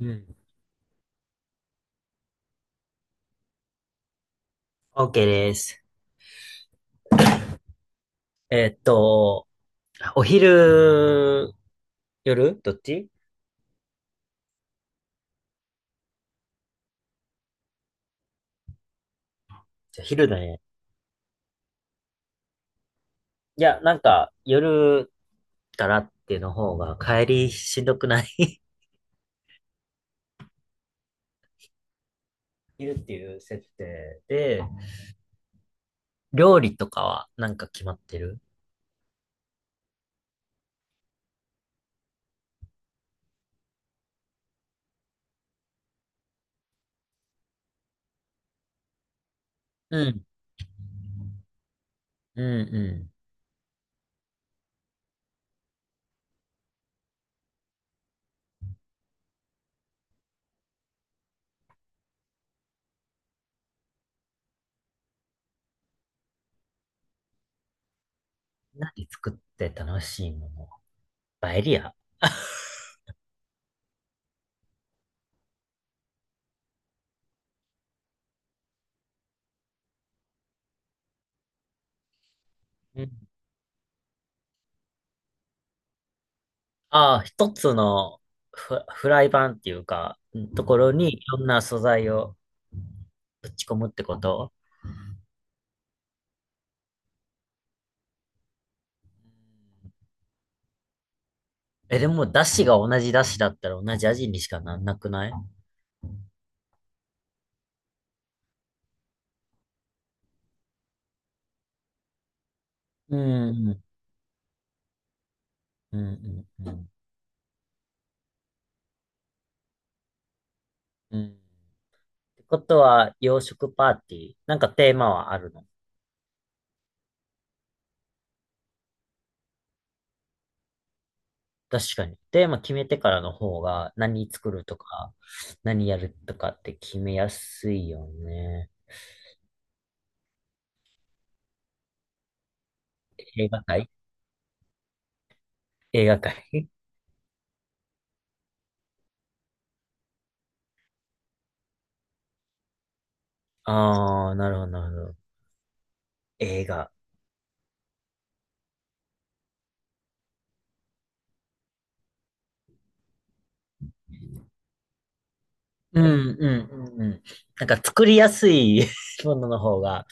うん。OK です。えーっと、お昼、夜どっち？じゃ昼だね。いや、なんか、夜からっていうの方が帰りしんどくない？ 昼っていう設定で、料理とかはなんか決まってる？うん。うんうん。何作って楽しいもの？パエリア。うん。ああ、一つのフライパンっていうか、ところにいろんな素材をぶち込むってこと？え、でも、だしが同じだしだったら同じ味にしかなんなくない？うん、うん、うん、うん。うん。ってことは、洋食パーティー、なんかテーマはあるの？確かに。テーマ決めてからの方が、何作るとか、何やるとかって決めやすいよね。映画界。映画界。 ああー、なるほど、なるほど。映画。うん、うん、うん、うん。なんか作りやすい ものの方が、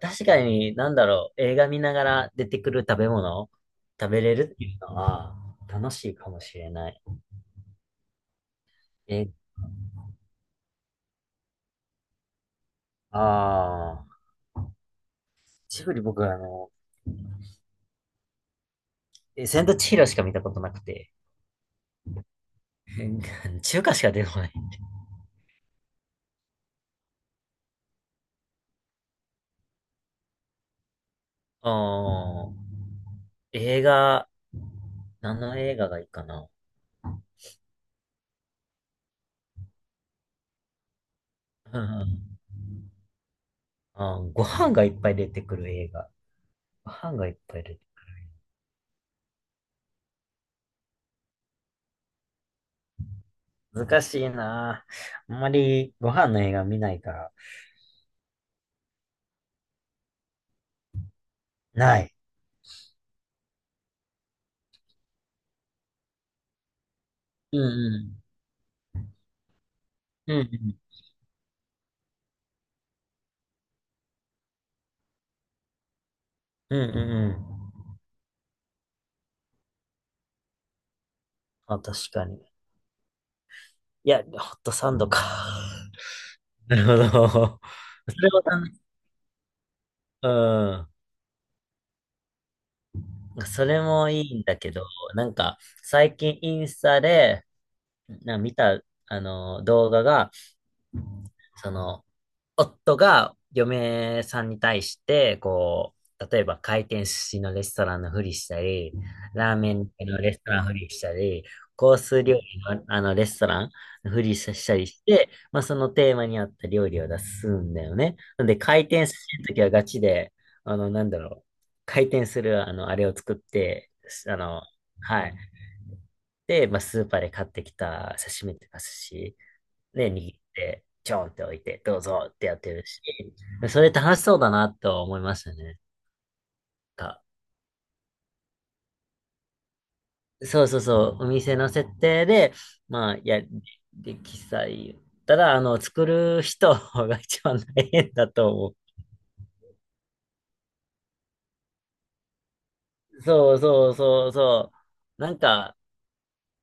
確かに、なんだろう、映画見ながら出てくる食べ物、食べれるっていうのは、楽しいかもしれない。え、ああ、ジブリ僕はあの、え千と千尋しか見たことなくて、中華しか出てこない。ああ、映画、何の映画がいいかな。うん。あー、ご飯がいっぱい出てくる映画。ご飯がいっぱい出て。難しいなあ。あんまりご飯の映画見ないから。ない。うんうん。うんうんうんうんうん。あ、確かに。いや、ホットサンドか。なるほど。それも楽し。うん。それもいいんだけど、なんか、最近インスタで、な見た、あの、動画が、その、夫が嫁さんに対して、こう、例えば回転寿司のレストランのふりしたり、ラーメンのレストランのふりしたり、コース料理の、あのレストランのふりしたりして、まあ、そのテーマに合った料理を出すんだよね。なんで回転寿司の時はガチで、あの、なんだろう、回転する、あの、あれを作って、あの、はい。で、まあ、スーパーで買ってきた刺身とか寿司ね、握って、ちょんって置いて、どうぞってやってるし、それ楽しそうだなと思いましたね。か、そうそうそう、お店の設定で、まあ、や、で、喫茶言ったら、あの、作る人が一番大変だと思う。そうそうそうそう。なんか、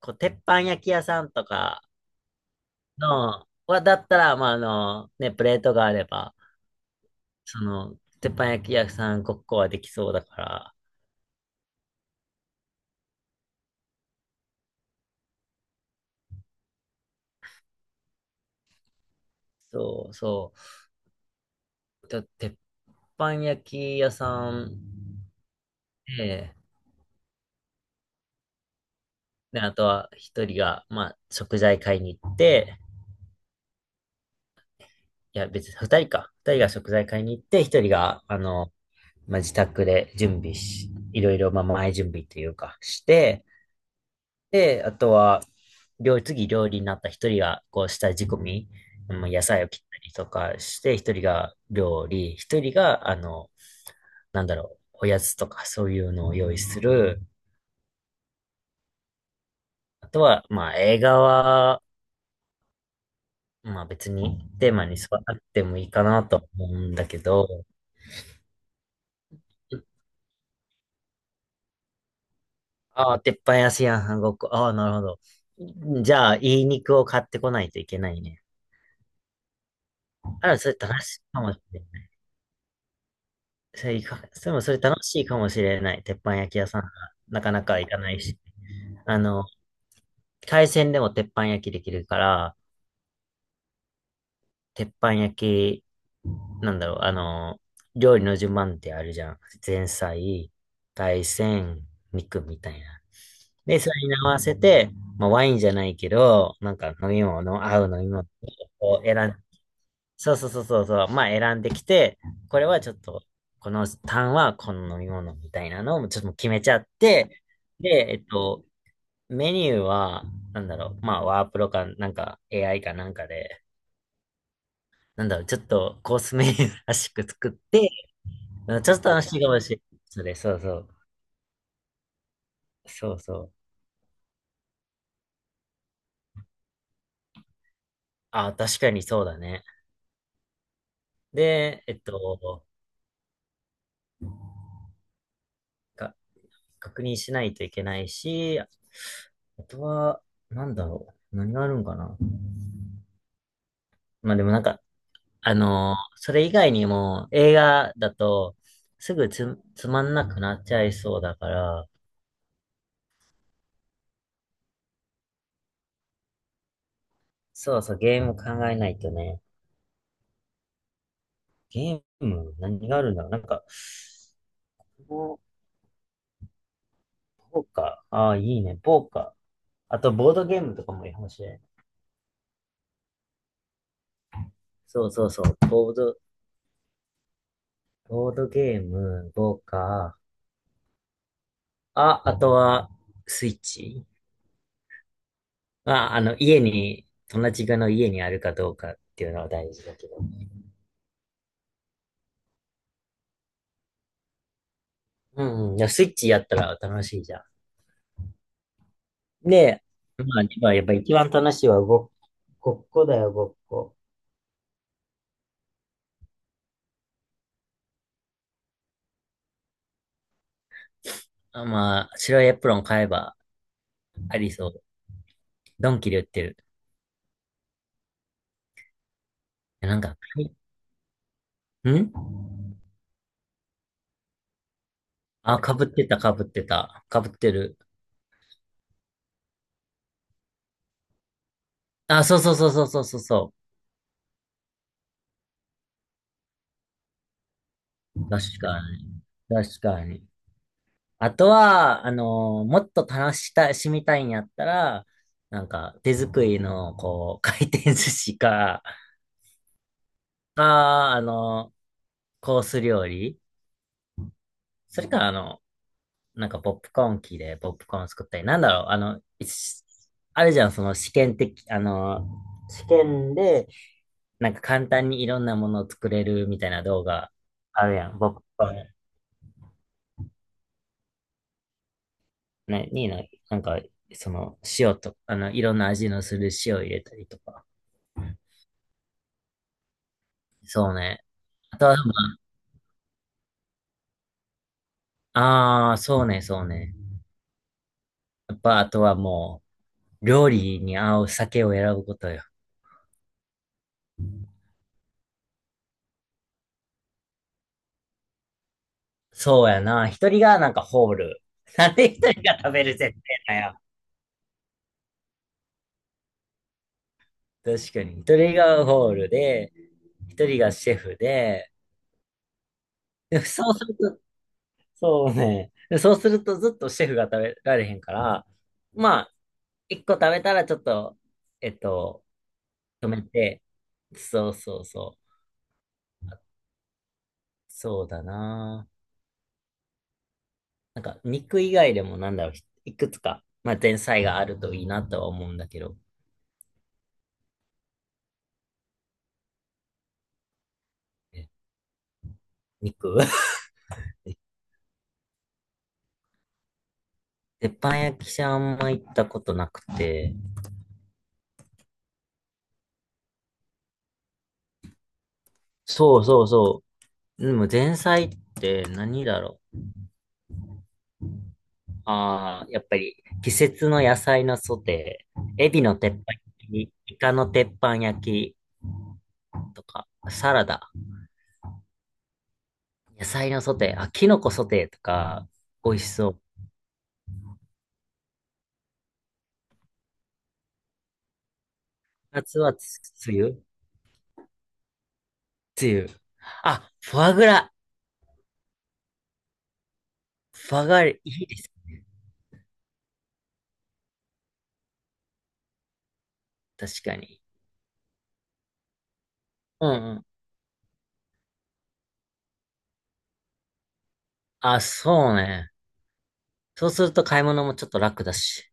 こう、鉄板焼き屋さんとかの、は、だったら、まあ、あの、ね、プレートがあれば、その、鉄板焼き屋さんごっこはできそうだから、そうそう。と、鉄板焼き屋さんで、で、あとは一人が、まあ、食材買いに行って、いや、別に二人か。二人が食材買いに行って、一人が、あの、まあ、自宅で準備し、いろいろ、まあ、前準備というか、して、で、あとは、料理、次料理になった一人が、こう、下仕込み、もう野菜を切ったりとかして、一人が料理、一人が、あの、なんだろう、おやつとかそういうのを用意する、あとは、まあ映画は、まあ別にテーマに沿わなくてもいいかなと思うんだけど、ああ、鉄板安いやん、韓国。ああ、なるほど。じゃあ、いい肉を買ってこないといけないね。あら、それ楽しいかもしれない。それいか、それもそれ楽しいかもしれない。鉄板焼き屋さんがなかなか行かないし。あの、海鮮でも鉄板焼きできるから、鉄板焼きなんだろう、あの、料理の順番ってあるじゃん。前菜、海鮮、肉みたいな。で、それに合わせて、まあ、ワインじゃないけど、なんか飲み物、合う飲み物を選ん、そうそうそうそうそう、まあ選んできて、これはちょっと、このターンはこの飲み物みたいなのをちょっと決めちゃって、で、メニューは、なんだろう、まあワープロか、なんか AI かなんかで、なんだろう、ちょっとコースメニューらしく作って、うん。ちょっと楽しいかもしれない。それ、そうそう。そうそう。あ、確かにそうだね。で、か、確認しないといけないし、あとは、なんだろう。何があるんかな。まあでもなんか、それ以外にも映画だと、すぐつまんなくなっちゃいそうだから、そうそう、ゲーム考えないとね。ゲーム、何があるんだろう。なんか、ポポーカー。ああ、いいね。ポーカー。あと、ボードゲームとかもいいかもしれん。そうそうそう。ボードゲーム5か。あ、あとは、スイッチ。まあ、あの、家に、友達がの家にあるかどうかっていうのは大事だけど。うんうん。いや、スイッチやったら楽しいじゃん。で、まあ、今やっぱ一番楽しいはごっこだよ、ごっこ。あ、まあ、白いエプロン買えばありそう。ドンキで売ってる。いやなんか、はいんあ、かぶってた、かぶってた。かぶってる。あ、そうそうそうそうそうそう。確かに。確かに。あとは、もっと楽したしみたいんやったら、なんか、手作りの、こう、回転寿司か、か、コース料理。それか、あの、なんか、ポップコーン機でポップコーン作ったり、なんだろう、あの、いしあるじゃん、その試験的、試験で、なんか簡単にいろんなものを作れるみたいな動画あるやん。ポップコーンね、にな、なんか、その、塩と、あの、いろんな味のする塩入れたりとか。そうね。あとは、まあ、あーそうね、そうね。やっぱ、あとはもう、料理に合う酒を選ぶことよ。そうやな。一人がなんかホール。なんで一人が食べる設定だよ。確かに。一人がホールで、一人がシェフで、でそうすると、そうね。でそうするとずっとシェフが食べられへんから、まあ、一個食べたらちょっと、えっと、止めて、そうそうそう。そうだな。なんか、肉以外でもなんだろう、いくつか、まあ、前菜があるといいなとは思うんだけど、え肉 鉄板焼きじゃあんま行ったことなくて。そうそうそう。でも前菜って何だろう。ああ、やっぱり季節の野菜のソテー、エビの鉄板焼き、イカの鉄板焼きとか、サラダ、野菜のソテー、あ、キノコソテーとか、美味しそう。夏は梅雨。梅雨。あ、フォアグラ。フォアグラいいです。確かに。うんうん。あ、そうね。そうすると買い物もちょっと楽だし。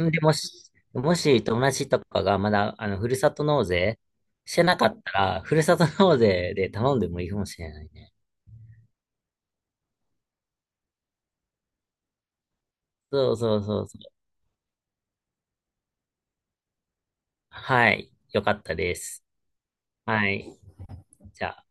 んで、もし友達とかがまだ、あの、ふるさと納税してなかったら、ふるさと納税で頼んでもいいかもしれないね。そうそうそうそう。はい。よかったです。はい。じゃあ。